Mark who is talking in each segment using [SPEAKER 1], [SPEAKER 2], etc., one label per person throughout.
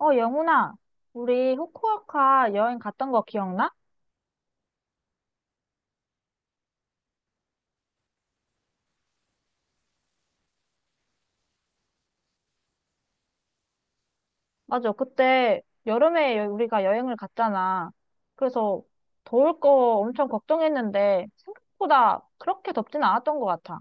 [SPEAKER 1] 어, 영훈아, 우리 후쿠오카 여행 갔던 거 기억나? 맞아, 그때 여름에 우리가 여행을 갔잖아. 그래서 더울 거 엄청 걱정했는데 생각보다 그렇게 덥진 않았던 것 같아.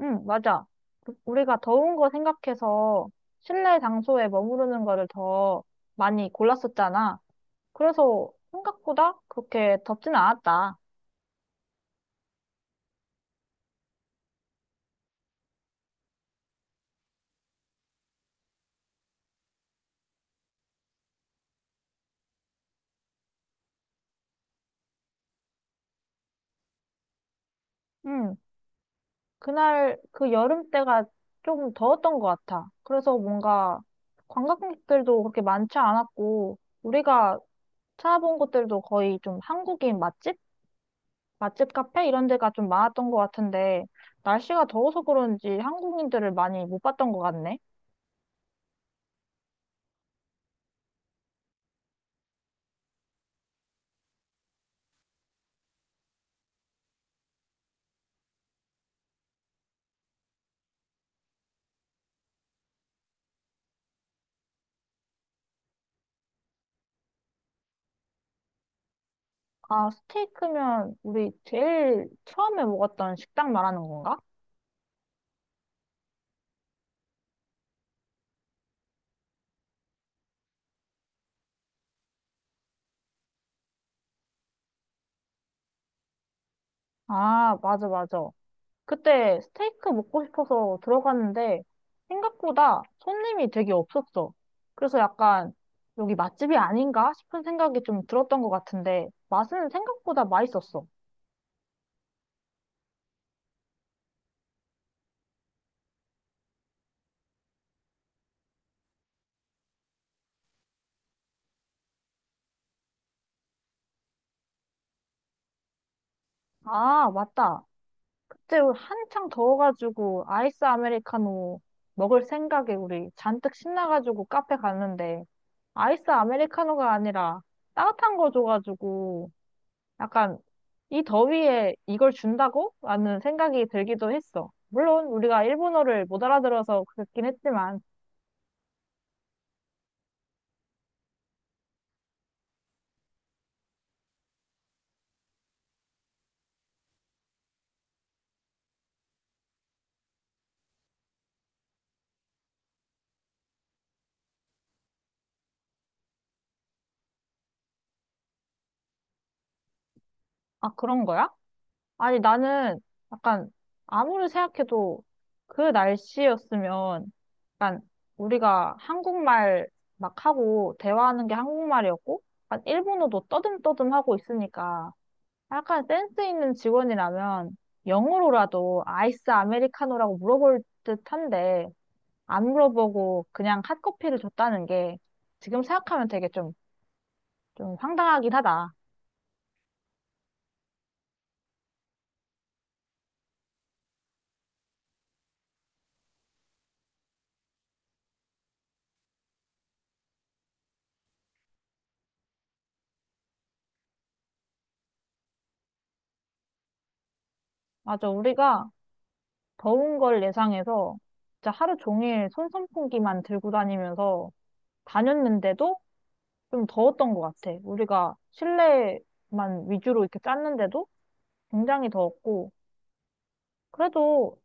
[SPEAKER 1] 응, 맞아. 우리가 더운 거 생각해서 실내 장소에 머무르는 거를 더 많이 골랐었잖아. 그래서 생각보다 그렇게 덥진 않았다. 응, 그날 그 여름 때가 좀 더웠던 것 같아. 그래서 뭔가 관광객들도 그렇게 많지 않았고, 우리가 찾아본 곳들도 거의 좀 한국인 맛집? 맛집 카페? 이런 데가 좀 많았던 것 같은데, 날씨가 더워서 그런지 한국인들을 많이 못 봤던 것 같네. 아, 스테이크면 우리 제일 처음에 먹었던 식당 말하는 건가? 아, 맞아, 맞아. 그때 스테이크 먹고 싶어서 들어갔는데 생각보다 손님이 되게 없었어. 그래서 약간 여기 맛집이 아닌가 싶은 생각이 좀 들었던 것 같은데 맛은 생각보다 맛있었어. 아, 맞다. 그때 한창 더워가지고 아이스 아메리카노 먹을 생각에 우리 잔뜩 신나가지고 카페 갔는데 아이스 아메리카노가 아니라 따뜻한 거 줘가지고 약간 이 더위에 이걸 준다고? 라는 생각이 들기도 했어. 물론 우리가 일본어를 못 알아들어서 그랬긴 했지만, 아, 그런 거야? 아니, 나는 약간 아무리 생각해도 그 날씨였으면 약간 우리가 한국말 막 하고 대화하는 게 한국말이었고, 약간 일본어도 떠듬떠듬 하고 있으니까 약간 센스 있는 직원이라면 영어로라도 아이스 아메리카노라고 물어볼 듯한데, 안 물어보고 그냥 핫커피를 줬다는 게 지금 생각하면 되게 좀, 좀 황당하긴 하다. 맞아, 우리가 더운 걸 예상해서 진짜 하루 종일 손 선풍기만 들고 다니면서 다녔는데도 좀 더웠던 것 같아. 우리가 실내만 위주로 이렇게 짰는데도 굉장히 더웠고, 그래도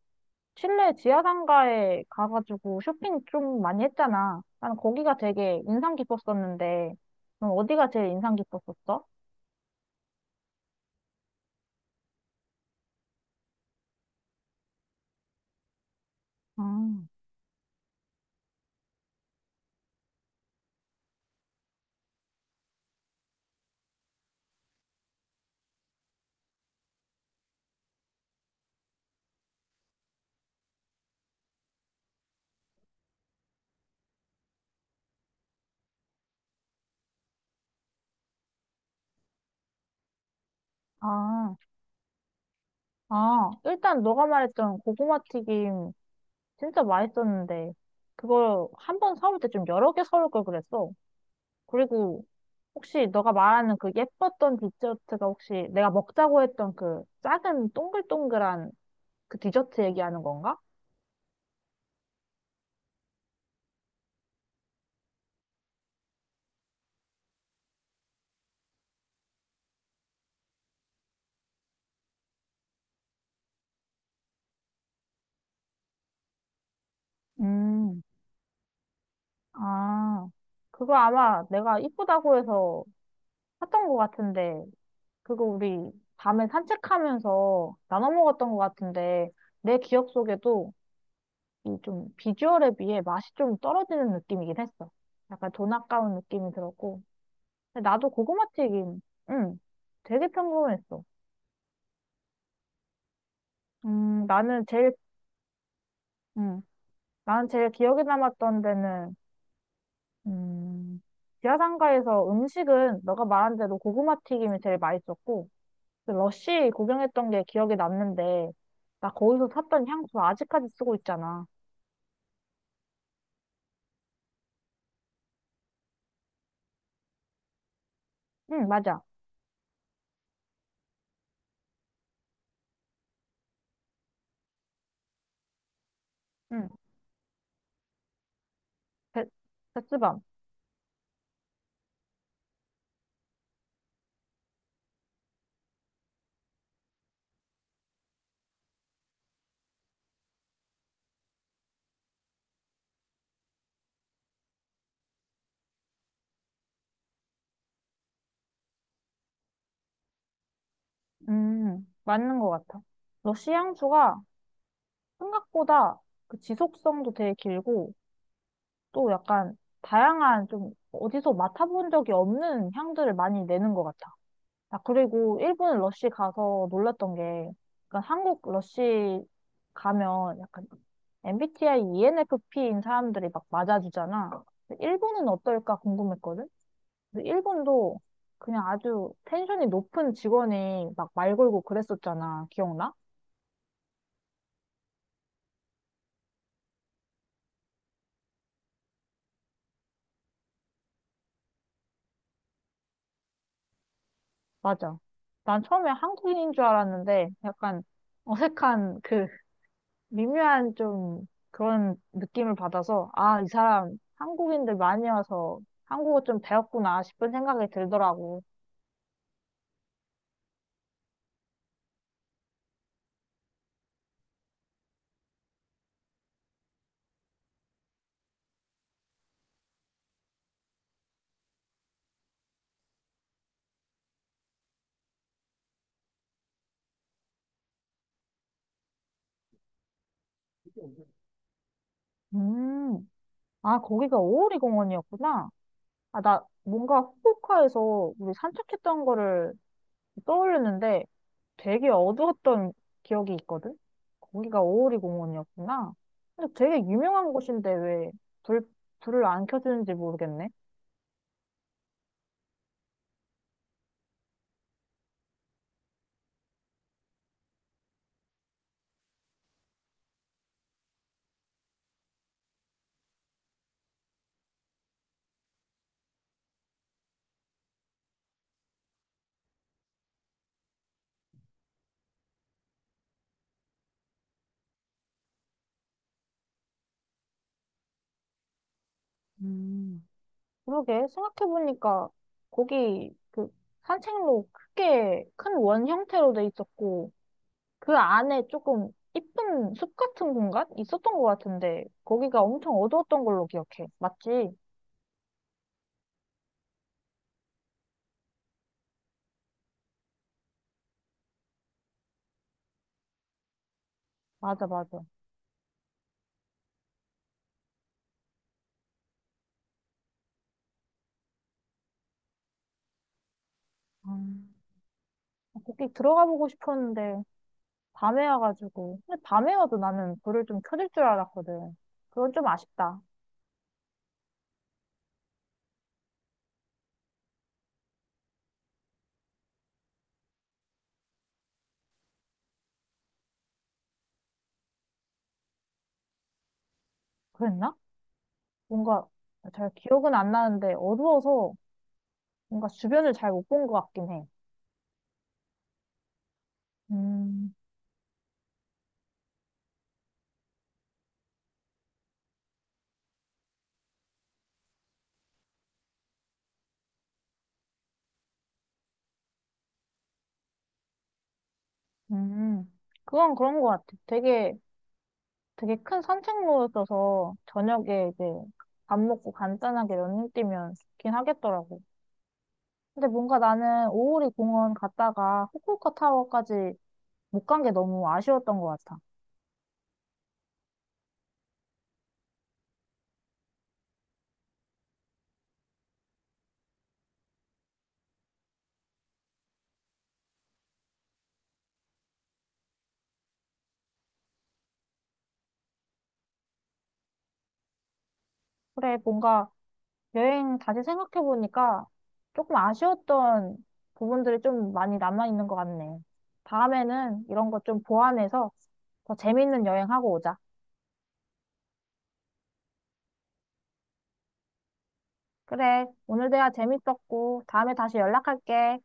[SPEAKER 1] 실내 지하상가에 가가지고 쇼핑 좀 많이 했잖아. 나는 거기가 되게 인상 깊었었는데, 넌 어디가 제일 인상 깊었었어? 아. 아, 아, 일단 너가 말했던 고구마 튀김 진짜 맛있었는데, 그걸 한 번 사올 때 좀 여러 개 사올 걸 그랬어. 그리고 혹시 너가 말하는 그 예뻤던 디저트가 혹시 내가 먹자고 했던 그 작은 동글동글한 그 디저트 얘기하는 건가? 음, 아, 그거 아마 내가 이쁘다고 해서 샀던 것 같은데, 그거 우리 밤에 산책하면서 나눠 먹었던 것 같은데, 내 기억 속에도 이 좀 비주얼에 비해 맛이 좀 떨어지는 느낌이긴 했어. 약간 돈 아까운 느낌이 들었고. 근데 나도 고구마 튀김, 응, 되게 평범했어. 나는 제일, 음, 나는 제일 기억에 남았던 데는, 음, 지하상가에서 음식은 너가 말한 대로 고구마 튀김이 제일 맛있었고, 그 러쉬 구경했던 게 기억에 남는데, 나 거기서 샀던 향수 아직까지 쓰고 있잖아. 응, 맞아. 응, 베, 베스밤. 맞는 것 같아. 러쉬 향수가 생각보다 그 지속성도 되게 길고 또 약간 다양한 좀 어디서 맡아본 적이 없는 향들을 많이 내는 것 같아. 아, 그리고 일본 러쉬 가서 놀랐던 게 약간 한국 러쉬 가면 약간 MBTI ENFP인 사람들이 막 맞아주잖아. 근데 일본은 어떨까 궁금했거든? 근데 일본도 그냥 아주 텐션이 높은 직원이 막 말 걸고 그랬었잖아. 기억나? 맞아. 난 처음에 한국인인 줄 알았는데 약간 어색한 그 미묘한 좀 그런 느낌을 받아서 아, 이 사람 한국인들 많이 와서 한국어 좀 배웠구나 싶은 생각이 들더라고. 음. 아, 거기가 오오리 공원이었구나. 아, 나 뭔가 후쿠오카에서 우리 산책했던 거를 떠올렸는데 되게 어두웠던 기억이 있거든? 거기가 오오리 공원이었구나. 근데 되게 유명한 곳인데 왜 불, 불을 안 켜주는지 모르겠네. 음. 그러게, 생각해보니까 거기 그 산책로 크게 큰 원 형태로 돼 있었고 그 안에 조금 이쁜 숲 같은 공간 있었던 것 같은데 거기가 엄청 어두웠던 걸로 기억해. 맞지? 맞아, 맞아. 음. 거기 들어가 보고 싶었는데 밤에 와가지고. 근데 밤에 와도 나는 불을 좀 켜질 줄 알았거든. 그건 좀 아쉽다. 그랬나? 뭔가 잘 기억은 안 나는데 어두워서 뭔가 주변을 잘 못 본 것 같긴 해. 음, 음. 그건 그런 것 같아. 되게 큰 산책로였어서 저녁에 이제 밥 먹고 간단하게 러닝 뛰면 좋긴 하겠더라고. 근데 뭔가 나는 오오리 공원 갔다가 후쿠오카 타워까지 못 간 게 너무 아쉬웠던 것 같아. 그래, 뭔가 여행 다시 생각해보니까 조금 아쉬웠던 부분들이 좀 많이 남아있는 것 같네. 다음에는 이런 것 좀 보완해서 더 재밌는 여행하고 오자. 그래, 오늘 대화 재밌었고, 다음에 다시 연락할게.